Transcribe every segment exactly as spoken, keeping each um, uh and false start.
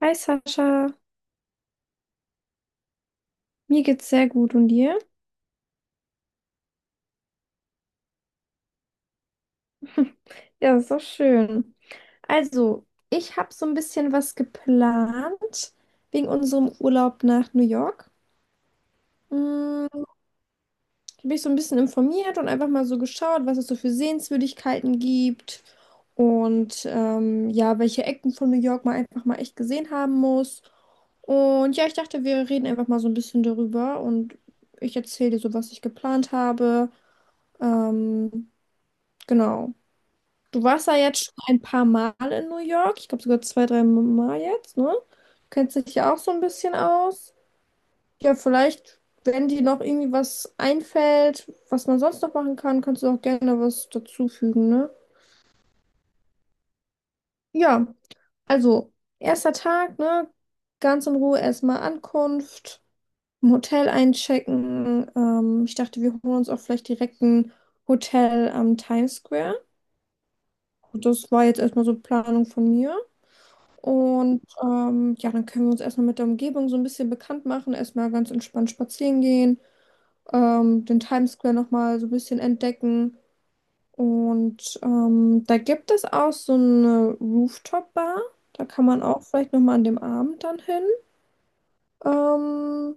Hi Sascha, mir geht's sehr gut und dir? Ja, ist doch schön. Also, ich habe so ein bisschen was geplant wegen unserem Urlaub nach New York. Hm, ich bin ich so ein bisschen informiert und einfach mal so geschaut, was es so für Sehenswürdigkeiten gibt und ähm, ja, welche Ecken von New York man einfach mal echt gesehen haben muss. Und ja, ich dachte, wir reden einfach mal so ein bisschen darüber und ich erzähle dir so, was ich geplant habe. Ähm, genau. Du warst ja jetzt schon ein paar Mal in New York. Ich glaube sogar zwei, drei Mal jetzt, ne? Du kennst dich ja auch so ein bisschen aus. Ja, vielleicht, wenn dir noch irgendwie was einfällt, was man sonst noch machen kann, kannst du auch gerne was dazufügen, ne? Ja, also, erster Tag, ne? Ganz in Ruhe erstmal Ankunft, im Hotel einchecken. Ähm, ich dachte, wir holen uns auch vielleicht direkt ein Hotel am Times Square. Das war jetzt erstmal so Planung von mir. Und ähm, ja, dann können wir uns erstmal mit der Umgebung so ein bisschen bekannt machen, erstmal ganz entspannt spazieren gehen, ähm, den Times Square nochmal so ein bisschen entdecken. Und ähm, da gibt es auch so eine Rooftop-Bar. Da kann man auch vielleicht nochmal an dem Abend dann hin. Ähm,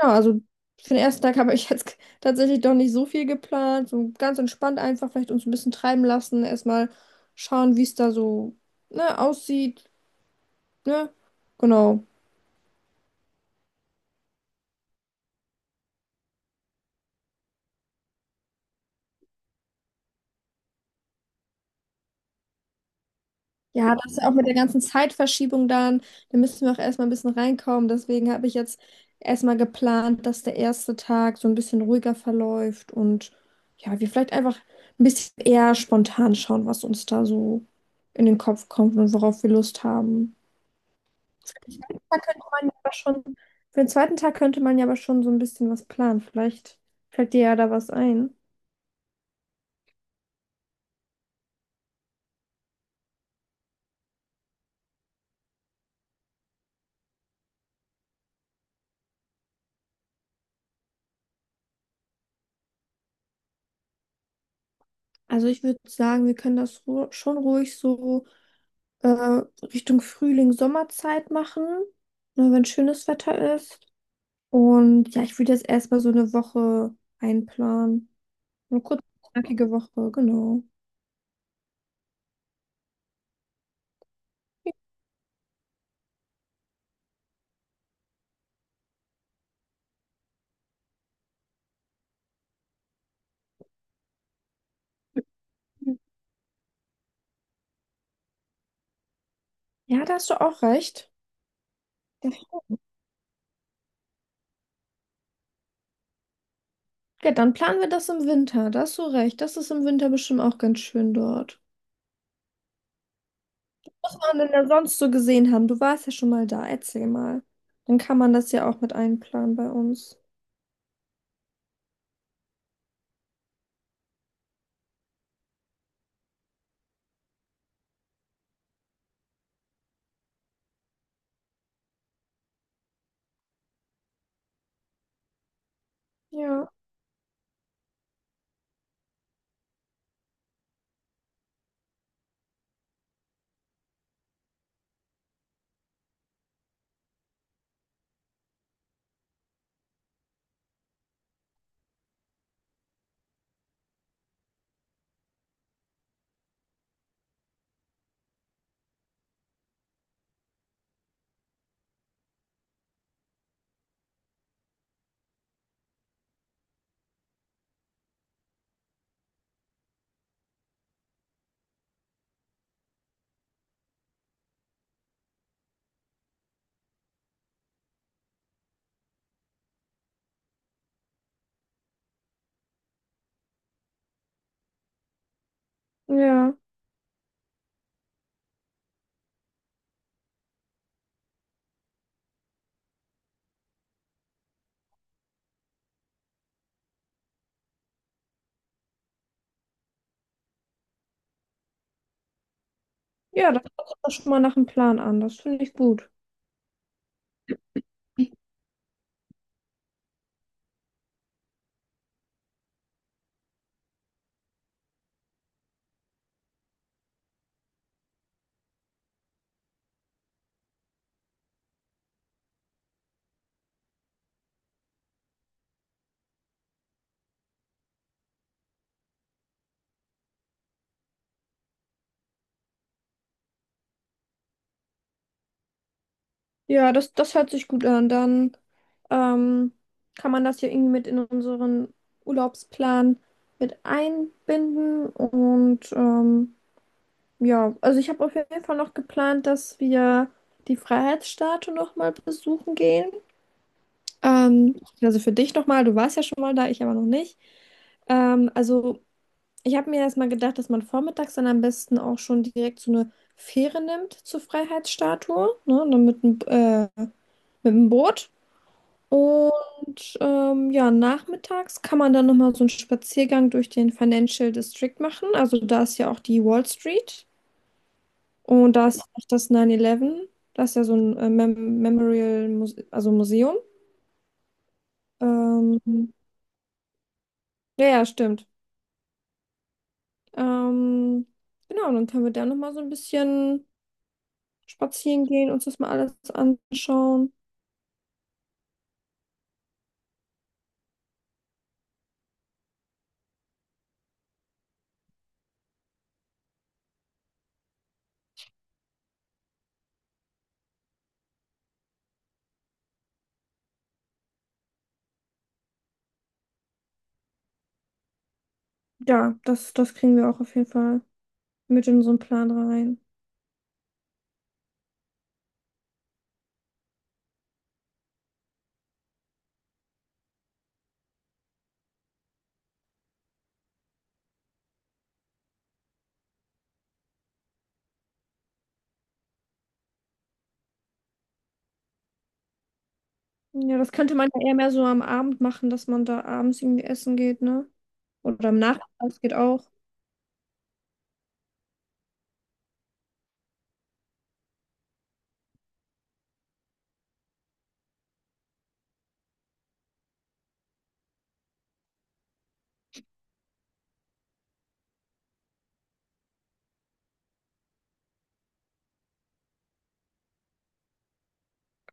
ja, also für den ersten Tag habe ich jetzt tatsächlich doch nicht so viel geplant. So ganz entspannt einfach vielleicht uns ein bisschen treiben lassen, erstmal schauen, wie es da so, ne, aussieht, ne? Genau. Ja, das ist auch mit der ganzen Zeitverschiebung dann. Da müssen wir auch erstmal ein bisschen reinkommen. Deswegen habe ich jetzt erstmal geplant, dass der erste Tag so ein bisschen ruhiger verläuft und ja, wir vielleicht einfach ein bisschen eher spontan schauen, was uns da so in den Kopf kommt und worauf wir Lust haben. Für den zweiten Tag könnte man ja aber schon, für den zweiten Tag könnte man ja aber schon so ein bisschen was planen. Vielleicht fällt dir ja da was ein. Also ich würde sagen, wir können das ru schon ruhig so. äh, Richtung Frühling, Sommerzeit machen, ne, wenn schönes Wetter ist. Und ja, ich würde jetzt erstmal so eine Woche einplanen. Eine kurze, knackige Woche, genau. Ja, da hast du auch recht. Ja, dann planen wir das im Winter. Da hast du recht. Das ist im Winter bestimmt auch ganz schön dort. Was man denn da sonst so gesehen haben? Du warst ja schon mal da. Erzähl mal. Dann kann man das ja auch mit einplanen bei uns. Ja, ja. Ja, das hört sich doch schon mal nach einem Plan an. Das finde ich gut. Ja, das, das hört sich gut an. Dann ähm, kann man das hier irgendwie mit in unseren Urlaubsplan mit einbinden. Und ähm, ja, also ich habe auf jeden Fall noch geplant, dass wir die Freiheitsstatue nochmal besuchen gehen. Ähm, also für dich nochmal, du warst ja schon mal da, ich aber noch nicht. Ähm, also. Ich habe mir erstmal gedacht, dass man vormittags dann am besten auch schon direkt so eine Fähre nimmt zur Freiheitsstatue, ne? Dann mit dem, äh, mit dem Boot. Und ähm, ja, nachmittags kann man dann nochmal so einen Spaziergang durch den Financial District machen. Also da ist ja auch die Wall Street und da ist ja auch das neun elf. Das ist ja so ein äh, Mem Memorial, Muse also Museum. Ähm, ja, ja, stimmt. Ähm, genau, dann können wir da nochmal so ein bisschen spazieren gehen, uns das mal alles anschauen. Ja, das, das kriegen wir auch auf jeden Fall mit in unseren Plan rein. Ja, das könnte man ja eher mehr so am Abend machen, dass man da abends irgendwie essen geht, ne? Oder am Nachmittag geht auch.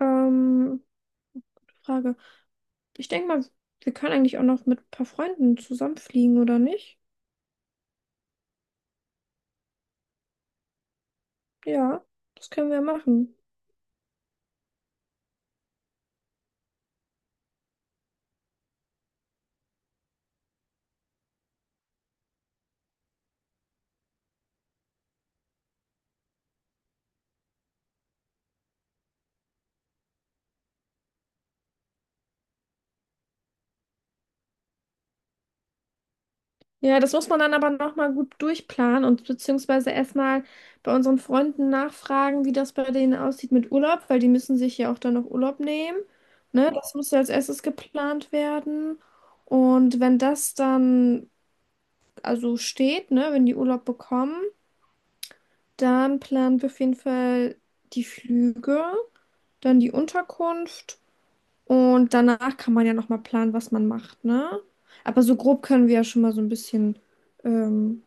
Ähm, Frage. Ich denke mal, wir können eigentlich auch noch mit ein paar Freunden zusammenfliegen, oder nicht? Ja, das können wir machen. Ja, das muss man dann aber nochmal gut durchplanen und beziehungsweise erstmal bei unseren Freunden nachfragen, wie das bei denen aussieht mit Urlaub, weil die müssen sich ja auch dann noch Urlaub nehmen. Ne? Das muss ja als erstes geplant werden. Und wenn das dann also steht, ne, wenn die Urlaub bekommen, dann planen wir auf jeden Fall die Flüge, dann die Unterkunft und danach kann man ja nochmal planen, was man macht, ne? Aber so grob können wir ja schon mal so ein bisschen ähm,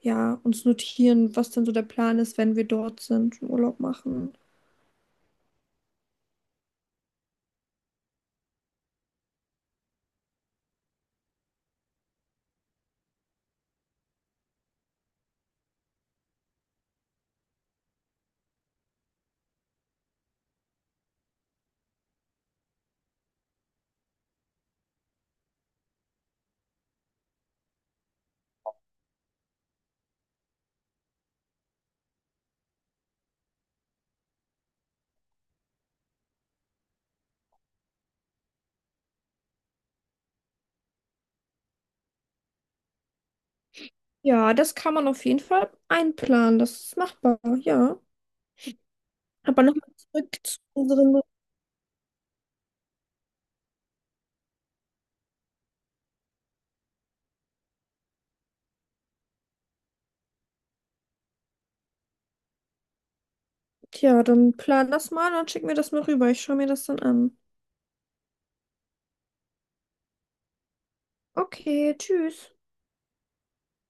ja, uns notieren, was denn so der Plan ist, wenn wir dort sind und Urlaub machen. Ja, das kann man auf jeden Fall einplanen. Das ist machbar, ja. Aber nochmal zurück zu unseren. Ja, dann plan das mal, dann schick mir das mal rüber. Ich schaue mir das dann an. Okay, tschüss.